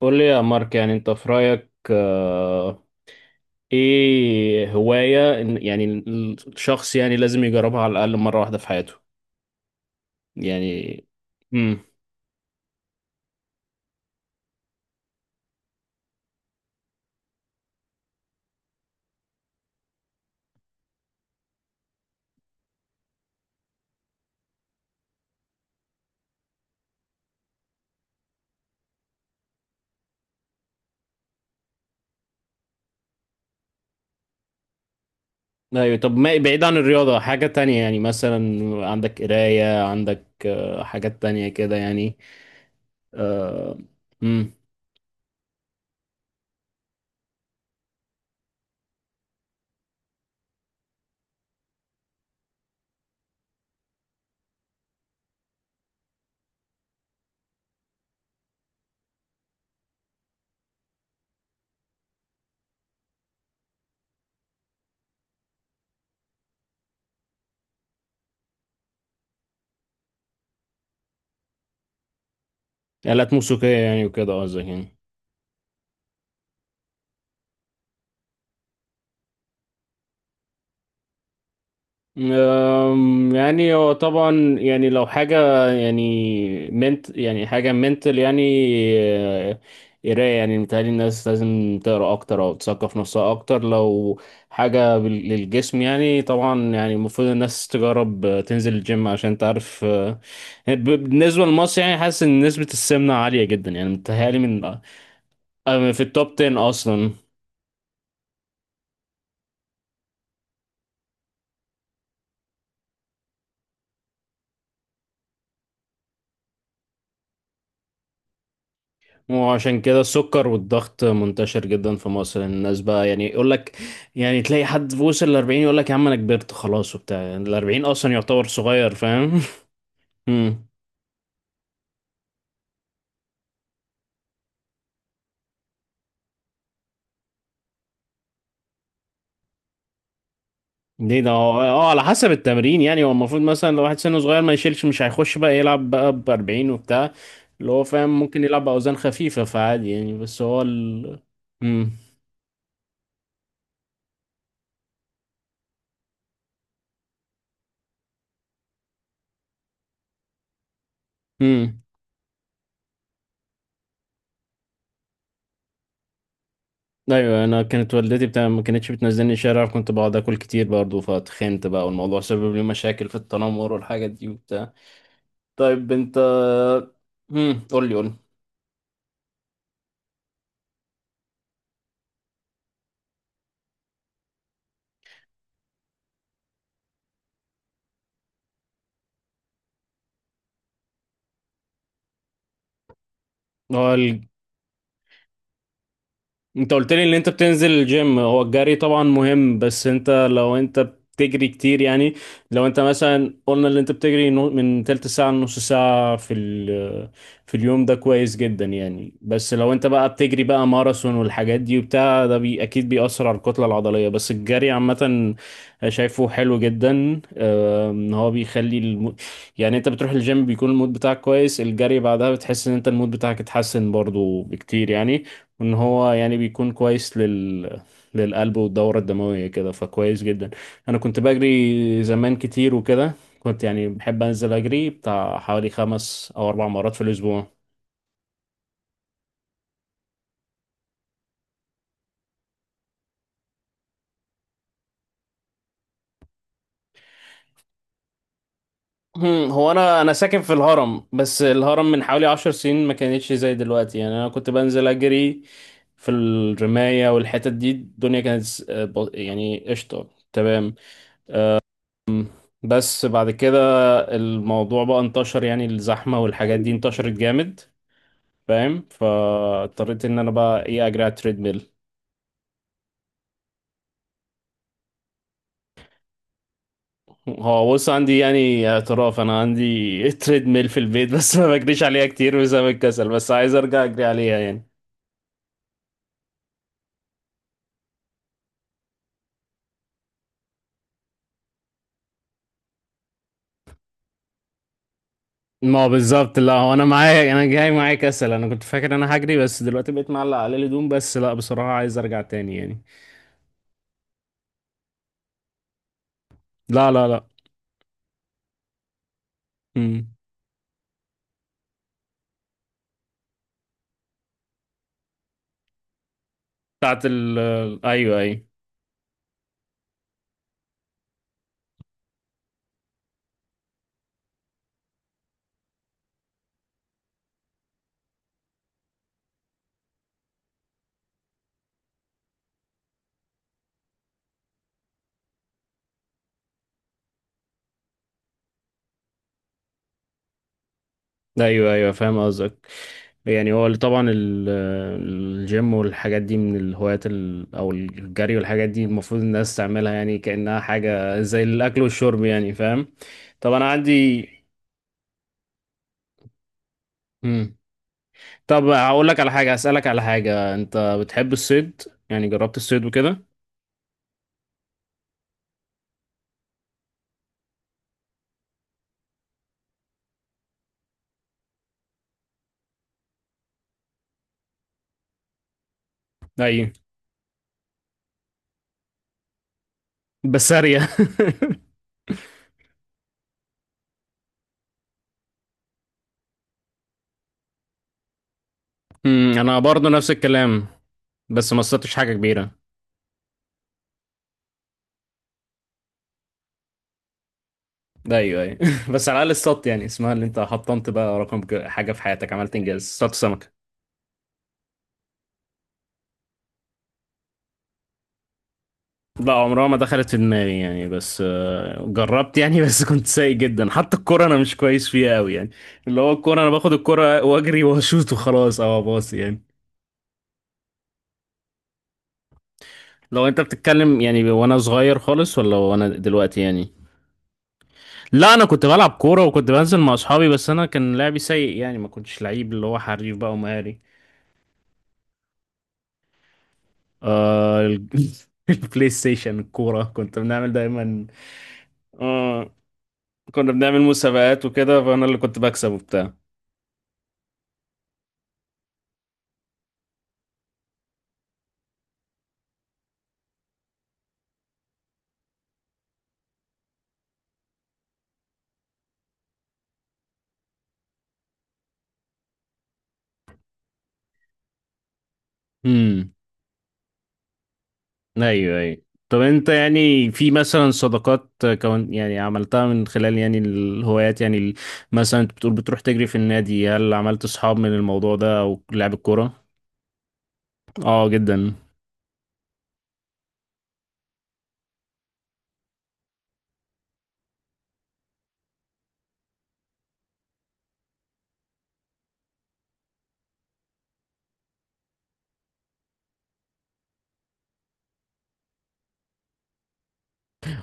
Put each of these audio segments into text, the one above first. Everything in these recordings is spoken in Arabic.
قول لي يا مارك، يعني انت في رأيك ايه هواية يعني الشخص يعني لازم يجربها على الأقل مرة واحدة في حياته يعني. امم ايوه، طب ما بعيد عن الرياضة حاجة تانية، يعني مثلا عندك قراية، عندك حاجات تانية كده يعني. امم آلات موسيقية يعني وكده قصدك يعني؟ يعني هو طبعا يعني لو حاجة، يعني منت، يعني حاجة منتل، يعني آه، قراية، يعني متهيألي الناس لازم تقرا أكتر أو تثقف نفسها أكتر. لو حاجة للجسم، يعني طبعا يعني المفروض الناس تجرب، تنزل الجيم عشان تعرف. بالنسبة لمصر يعني حاسس إن نسبة السمنة عالية جدا، يعني متهيألي من في التوب 10 أصلا. وعشان كده السكر والضغط منتشر جدا في مصر، الناس بقى يعني يقول لك يعني تلاقي حد في وصل ل 40 يقول لك: يا عم انا كبرت خلاص وبتاع، يعني ال 40 اصلا يعتبر صغير، فاهم؟ امم ليه ده؟ على حسب التمرين، يعني هو المفروض مثلا لو واحد سنه صغير ما يشيلش، مش هيخش بقى يلعب بقى ب 40 وبتاع اللي هو فاهم، ممكن يلعب باوزان خفيفة فعادي يعني، بس هو ال امم ايوه انا كانت والدتي بتاع ما كانتش بتنزلني الشارع، كنت بقعد اكل كتير برضه فاتخنت بقى، والموضوع سبب لي مشاكل في التنمر والحاجات دي وبتاع. طيب انت. مم. قول لي، قول لي. انت قلت لي ان انت بتنزل الجيم، هو الجري طبعا مهم، بس انت لو انت بتجري كتير يعني، لو انت مثلا قلنا ان انت بتجري من تلت ساعة لنص ساعة في في اليوم، ده كويس جدا يعني، بس لو انت بقى بتجري بقى ماراثون والحاجات دي وبتاع ده بي اكيد بيأثر على الكتلة العضلية. بس الجري عامة شايفه حلو جدا، ان هو بيخلي يعني انت بتروح الجيم بيكون المود بتاعك كويس، الجري بعدها بتحس ان انت المود بتاعك اتحسن برضو بكتير يعني، ان هو يعني بيكون كويس للقلب والدورة الدموية كده، فكويس جدا. انا كنت بجري زمان كتير وكده، كنت يعني بحب انزل اجري بتاع حوالي خمس او اربع مرات في الاسبوع. هو انا ساكن في الهرم، بس الهرم من حوالي 10 سنين ما كانتش زي دلوقتي، يعني انا كنت بنزل اجري في الرماية والحتت دي، الدنيا كانت يعني قشطة. تمام. بس بعد كده الموضوع بقى انتشر، يعني الزحمة والحاجات دي انتشرت جامد. فاهم؟ فاضطريت ان انا بقى ايه اجري على التريدميل. هو بص، عندي يعني اعتراف، انا عندي تريدميل في البيت بس ما بجريش عليها كتير بسبب الكسل، بس عايز ارجع اجري عليها يعني. ما هو بالظبط. لا، هو انا معايا، انا جاي معايا كسل، انا كنت فاكر إن انا هجري بس دلوقتي بقيت معلق على الهدوم، بس لا، بصراحة عايز ارجع تاني يعني. لا، لا، لا. امم بتاعت ال، ايوه، ايوه. ايوه، ايوه، فاهم قصدك. يعني هو اللي طبعا الجيم والحاجات دي من الهوايات او الجري والحاجات دي المفروض الناس تعملها يعني كأنها حاجة زي الاكل والشرب، يعني فاهم؟ طب انا عندي. مم. طب هقول لك على حاجة، هسألك على حاجة. انت بتحب الصيد؟ يعني جربت الصيد وكده؟ ايوه، بس سارية. انا برضو نفس الكلام، بس ما صدتش حاجة كبيرة. ده ايوه، ايوه. بس على الاقل الصوت، يعني اسمها اللي انت حطمت بقى رقم حاجه في حياتك، عملت انجاز صوت سمكه. لا، عمرها ما دخلت في دماغي يعني، بس جربت يعني. بس كنت سيء جدا، حتى الكوره انا مش كويس فيها قوي يعني، اللي هو الكوره انا باخد الكوره واجري واشوط وخلاص او اباصي يعني. لو انت بتتكلم يعني وانا صغير خالص، ولا وانا دلوقتي يعني؟ لا، انا كنت بلعب كوره وكنت بنزل مع اصحابي، بس انا كان لعبي سيء يعني، ما كنتش لعيب اللي هو حريف بقى ومهاري. آه ال- البلاي ستيشن الكورة كنت بنعمل دايما. اه، كنا بنعمل مسابقات وكده فانا اللي كنت بكسب وبتاع. امم ايوه، ايوه. طب انت يعني في مثلا صداقات كون يعني عملتها من خلال يعني الهوايات، يعني مثلا انت بتقول بتروح تجري في النادي، هل عملت اصحاب من الموضوع ده او لعب الكورة؟ اه، جدا.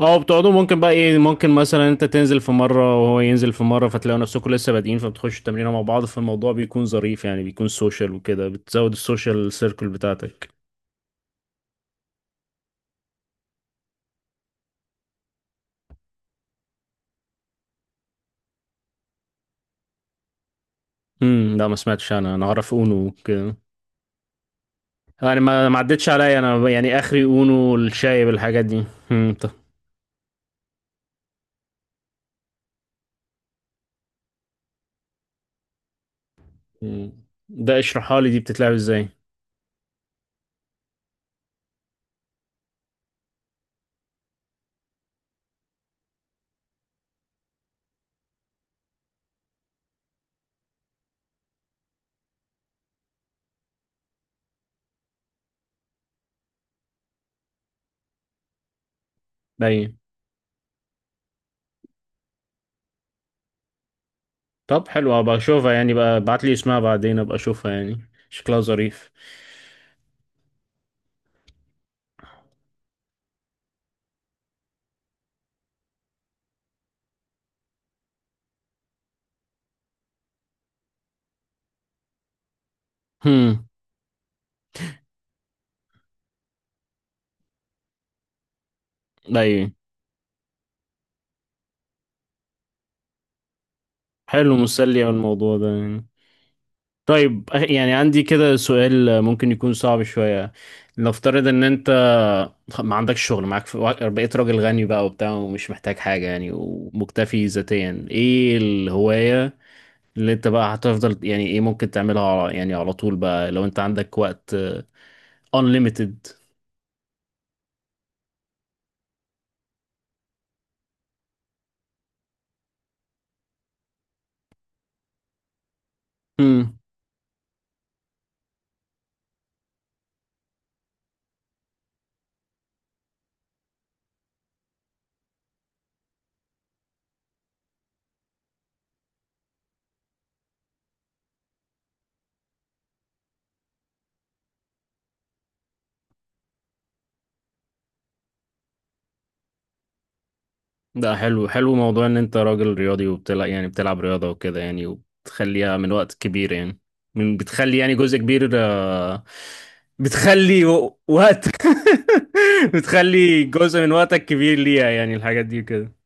اه، بتقعدوا ممكن بقى ايه، ممكن مثلا انت تنزل في مرة وهو ينزل في مرة فتلاقوا نفسكم لسه بادئين فبتخشوا التمرين مع بعض، فالموضوع بيكون ظريف يعني، بيكون سوشيال وكده بتزود السوشيال سيركل بتاعتك. لا، ما سمعتش. انا اعرف اونو كده، يعني ما عدتش عليا انا، يعني اخري اونو الشايب الحاجات دي. طب. مم. ده اشرحها لي دي بتتلعب ازاي؟ باين. طب حلو، ابقى اشوفها يعني، بقى ابعت لي اسمها بعدين ابقى اشوفها يعني. شكلها ظريف. امم باين. حلو، مسلي أوي الموضوع ده يعني. طيب، يعني عندي كده سؤال ممكن يكون صعب شوية. نفترض ان انت ما عندكش شغل معاك، بقيت راجل غني بقى وبتاع ومش محتاج حاجة يعني، ومكتفي ذاتيا. ايه الهواية اللي انت بقى هتفضل يعني، ايه ممكن تعملها يعني على طول بقى لو انت عندك وقت unlimited؟ ده حلو، حلو موضوع ان انت راجل رياضي وبتلعب، يعني بتلعب رياضة وكده يعني، وبتخليها من وقت كبير يعني، بتخلي يعني جزء كبير، بتخلي وقت. بتخلي جزء من وقتك كبير ليها، يعني الحاجات دي كده.